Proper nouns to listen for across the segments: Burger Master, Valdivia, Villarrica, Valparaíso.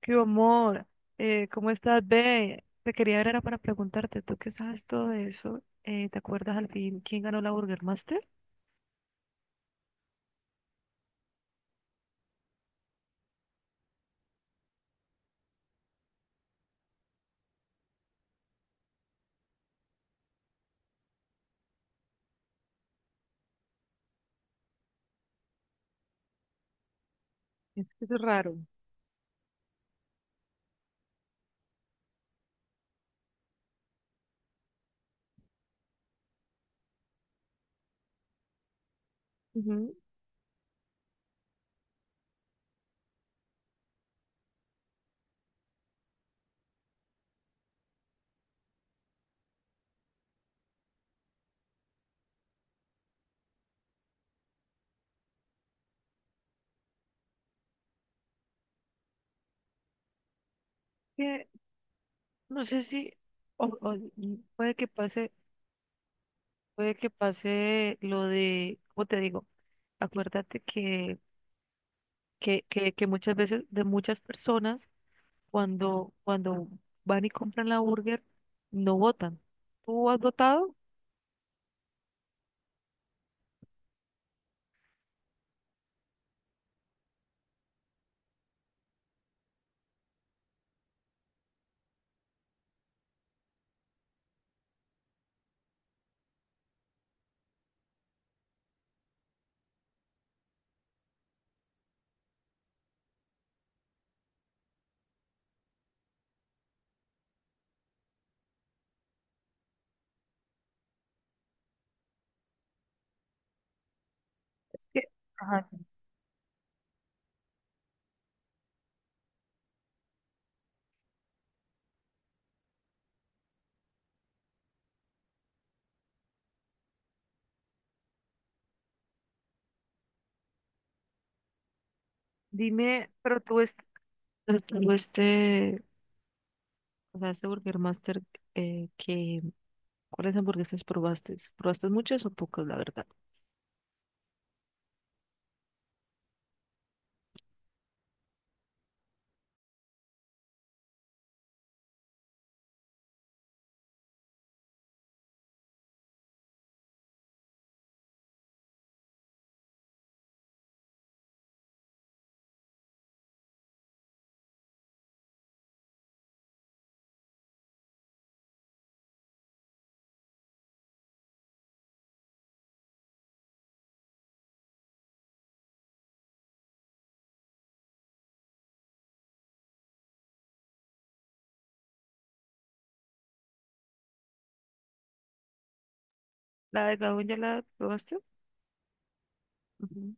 Qué amor, ¿cómo estás, ve? Te quería ver, era para preguntarte, tú que sabes todo eso, ¿te acuerdas al fin quién ganó la Burger Master? Es que eso es raro. Ujú. Que no sé si, y puede que pase lo de, ¿cómo te digo? Acuérdate que muchas veces de muchas personas, cuando van y compran la burger, no votan. ¿Tú has votado? Dime, pero tú, o sea, este Burger Master, eh, que, ¿cuáles hamburguesas probaste? ¿Probaste muchas o pocas, la verdad? ¿La de Gabón ya la probaste? Ujú.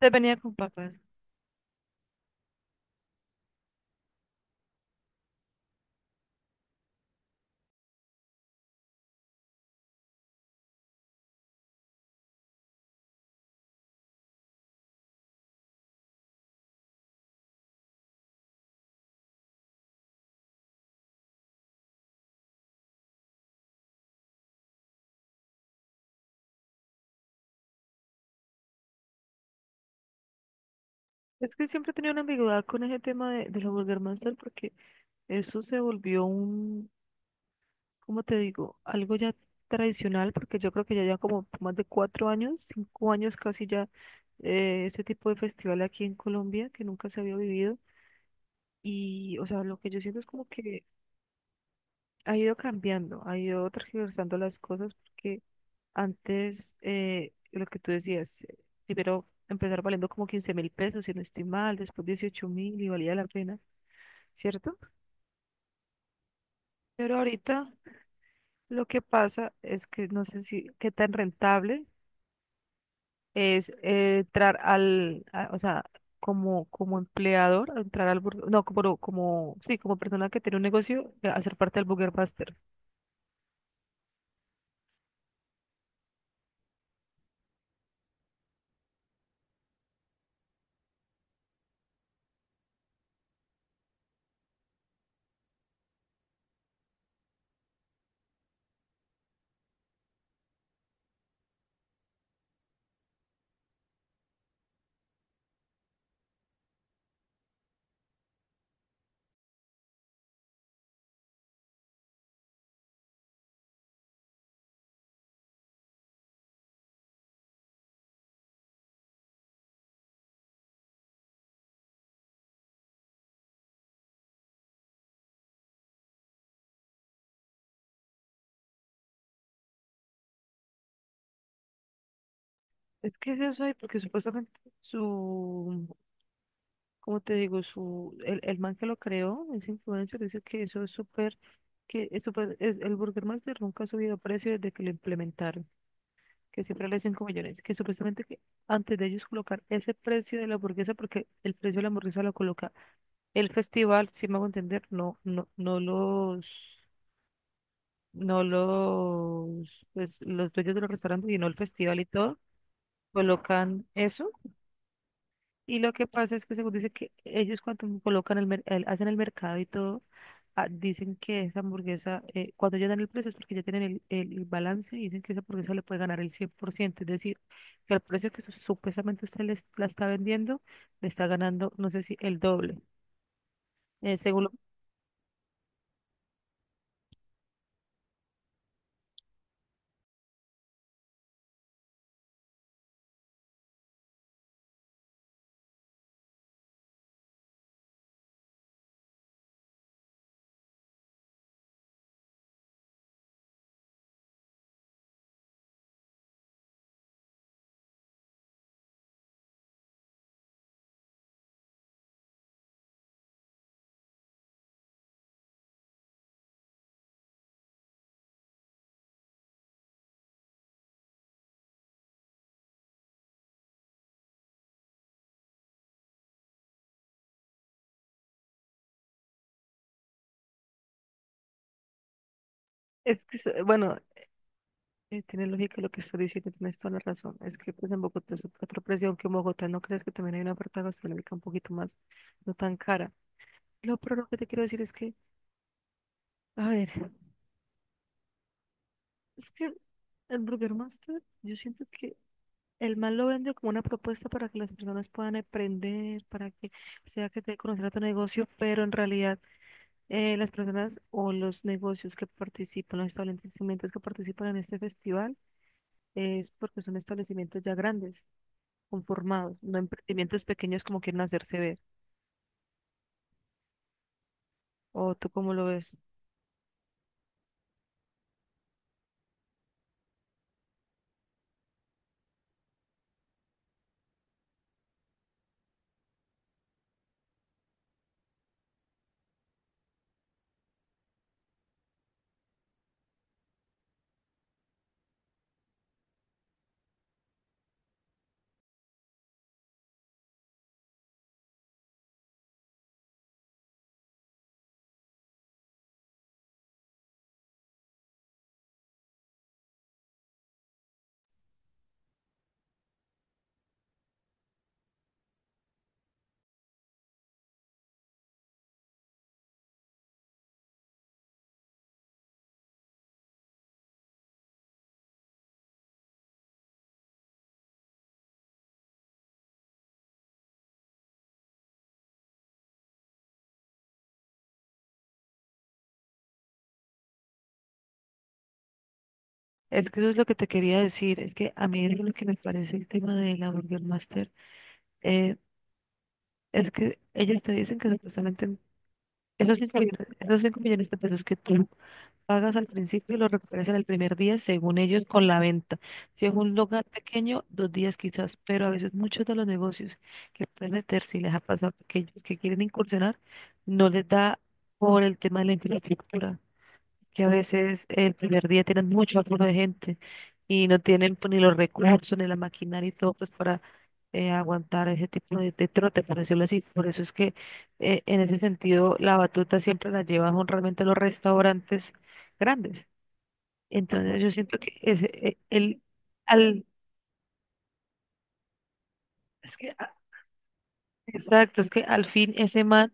Te venía con papas. Es que siempre he tenido una ambigüedad con ese tema de la Burger Master, porque eso se volvió, un como te digo, algo ya tradicional, porque yo creo que ya lleva como más de 4 años, 5 años casi ya, este tipo de festival aquí en Colombia que nunca se había vivido. Y, o sea, lo que yo siento es como que ha ido cambiando, ha ido tergiversando las cosas, porque antes, lo que tú decías, primero empezar valiendo como 15.000 pesos, si no estoy mal, después 18.000, y valía la pena, ¿cierto? Pero ahorita lo que pasa es que no sé si qué tan rentable es, entrar o sea, como empleador, entrar al burger, no, sí, como persona que tiene un negocio, hacer parte del Burger Master. Es que es eso, y porque supuestamente su, como te digo, su, el man que lo creó, ese influencer, dice que eso es súper, que es súper, el Burger Master nunca ha subido precio desde que lo implementaron, que siempre le hacen 5 millones, que supuestamente, que antes de ellos colocar ese precio de la hamburguesa, porque el precio de la hamburguesa lo coloca el festival, si me hago entender, no, no, no los, pues, los dueños de los restaurantes, sino el festival y todo, colocan eso. Y lo que pasa es que, según dice, que ellos cuando colocan hacen el mercado y todo, dicen que esa hamburguesa, cuando ya dan el precio, es porque ya tienen el balance, y dicen que esa hamburguesa le puede ganar el 100%. Es decir, que al precio que supuestamente usted les, la está vendiendo, le está ganando, no sé si el doble. Eh, según lo- es que, bueno, tiene lógica lo que estoy diciendo, tienes toda la razón. Es que, pues, en Bogotá es otra presión que en Bogotá. ¿No crees que también hay una oferta gastronómica un poquito más, no tan cara? Lo pero lo que te quiero decir es que, a ver, es que el Burger Master, yo siento que el man lo vende como una propuesta para que las personas puedan aprender, para que sea que te conocer a tu negocio, pero en realidad, las personas o los negocios que participan, los establecimientos que participan en este festival, es porque son establecimientos ya grandes, conformados, no emprendimientos pequeños como quieren hacerse ver. ¿O tú cómo lo ves? Es que eso es lo que te quería decir, es que a mí es lo que me parece el tema de la Burger Master. eh, es que ellos te dicen que supuestamente esos 5 millones, esos 5 millones de pesos que tú pagas al principio, y los recuperas en el primer día, según ellos, con la venta. Si es un lugar pequeño, 2 días quizás, pero a veces muchos de los negocios que pueden meterse, y les ha pasado a aquellos que quieren incursionar, no les da por el tema de la infraestructura, que a veces el primer día tienen mucho aflujo de gente y no tienen, pues, ni los recursos, ni la maquinaria y todo, pues, para, aguantar ese tipo de trote, por decirlo así. Por eso es que, en ese sentido, la batuta siempre la llevan son realmente los restaurantes grandes. Entonces yo siento que al, es que, exacto, es que al fin ese man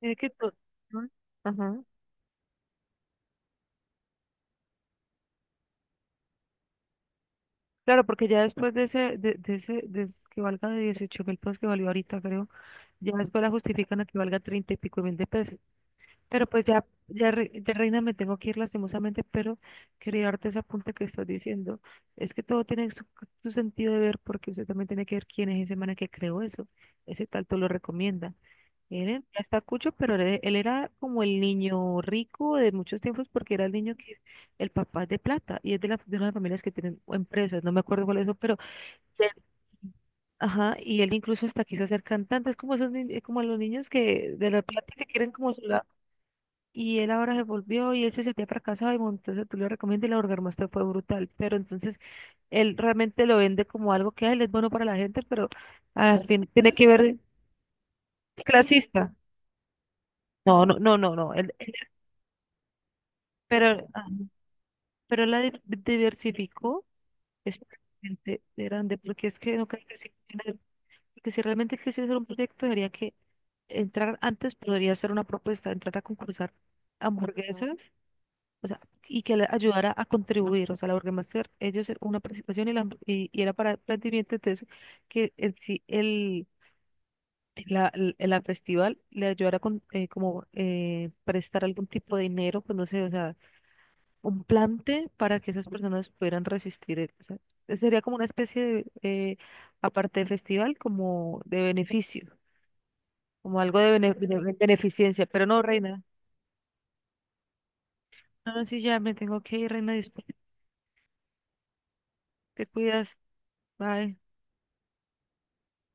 tiene que... to- ¿no? Ajá. Claro, porque ya después de ese, que valga de 18.000 pesos, que valió ahorita, creo. Ya después la justifican a que valga 30 y pico mil de pesos. Pero, pues, ya, Reina, me tengo que ir lastimosamente, pero quería darte esa punta que estás diciendo. Es que todo tiene su sentido de ver, porque usted también tiene que ver quién es ese man que creó eso, ese tanto lo recomienda. Él ya está cucho, pero él era como el niño rico de muchos tiempos, porque era el niño que el papá es de plata, y es de una de las familias que tienen empresas. No me acuerdo cuál es eso, pero. Ajá, y él incluso hasta quiso ser cantante, es como esos como los niños que de la plata que quieren como su lado. Y él ahora se volvió, y él se sentía fracasado, y bueno, entonces tú le recomiendas, y la orgasmuestra fue brutal. Pero entonces, él realmente lo vende como algo que él es bueno para la gente, pero al fin tiene que ver, es clasista. No, no, no, no, no. Pero, pero él diversificó, es realmente grande, porque es que no creo que sí. Porque si realmente quisiera hacer un proyecto, debería que entrar antes, podría hacer una propuesta, entrar a concursar hamburguesas, o sea, y que le ayudara a contribuir. O sea, la Burgermaster, ellos era una participación, y y era para el planteamiento. Entonces, que en sí el festival le ayudara con, como prestar algún tipo de dinero, pues no sé, o sea, un plante para que esas personas pudieran resistir, o sea, sería como una especie de, aparte de festival, como de beneficio, como algo de beneficencia. Pero no, reina. No, no, sí, ya me tengo que ir, reina. Disculpe, te cuidas. Bye.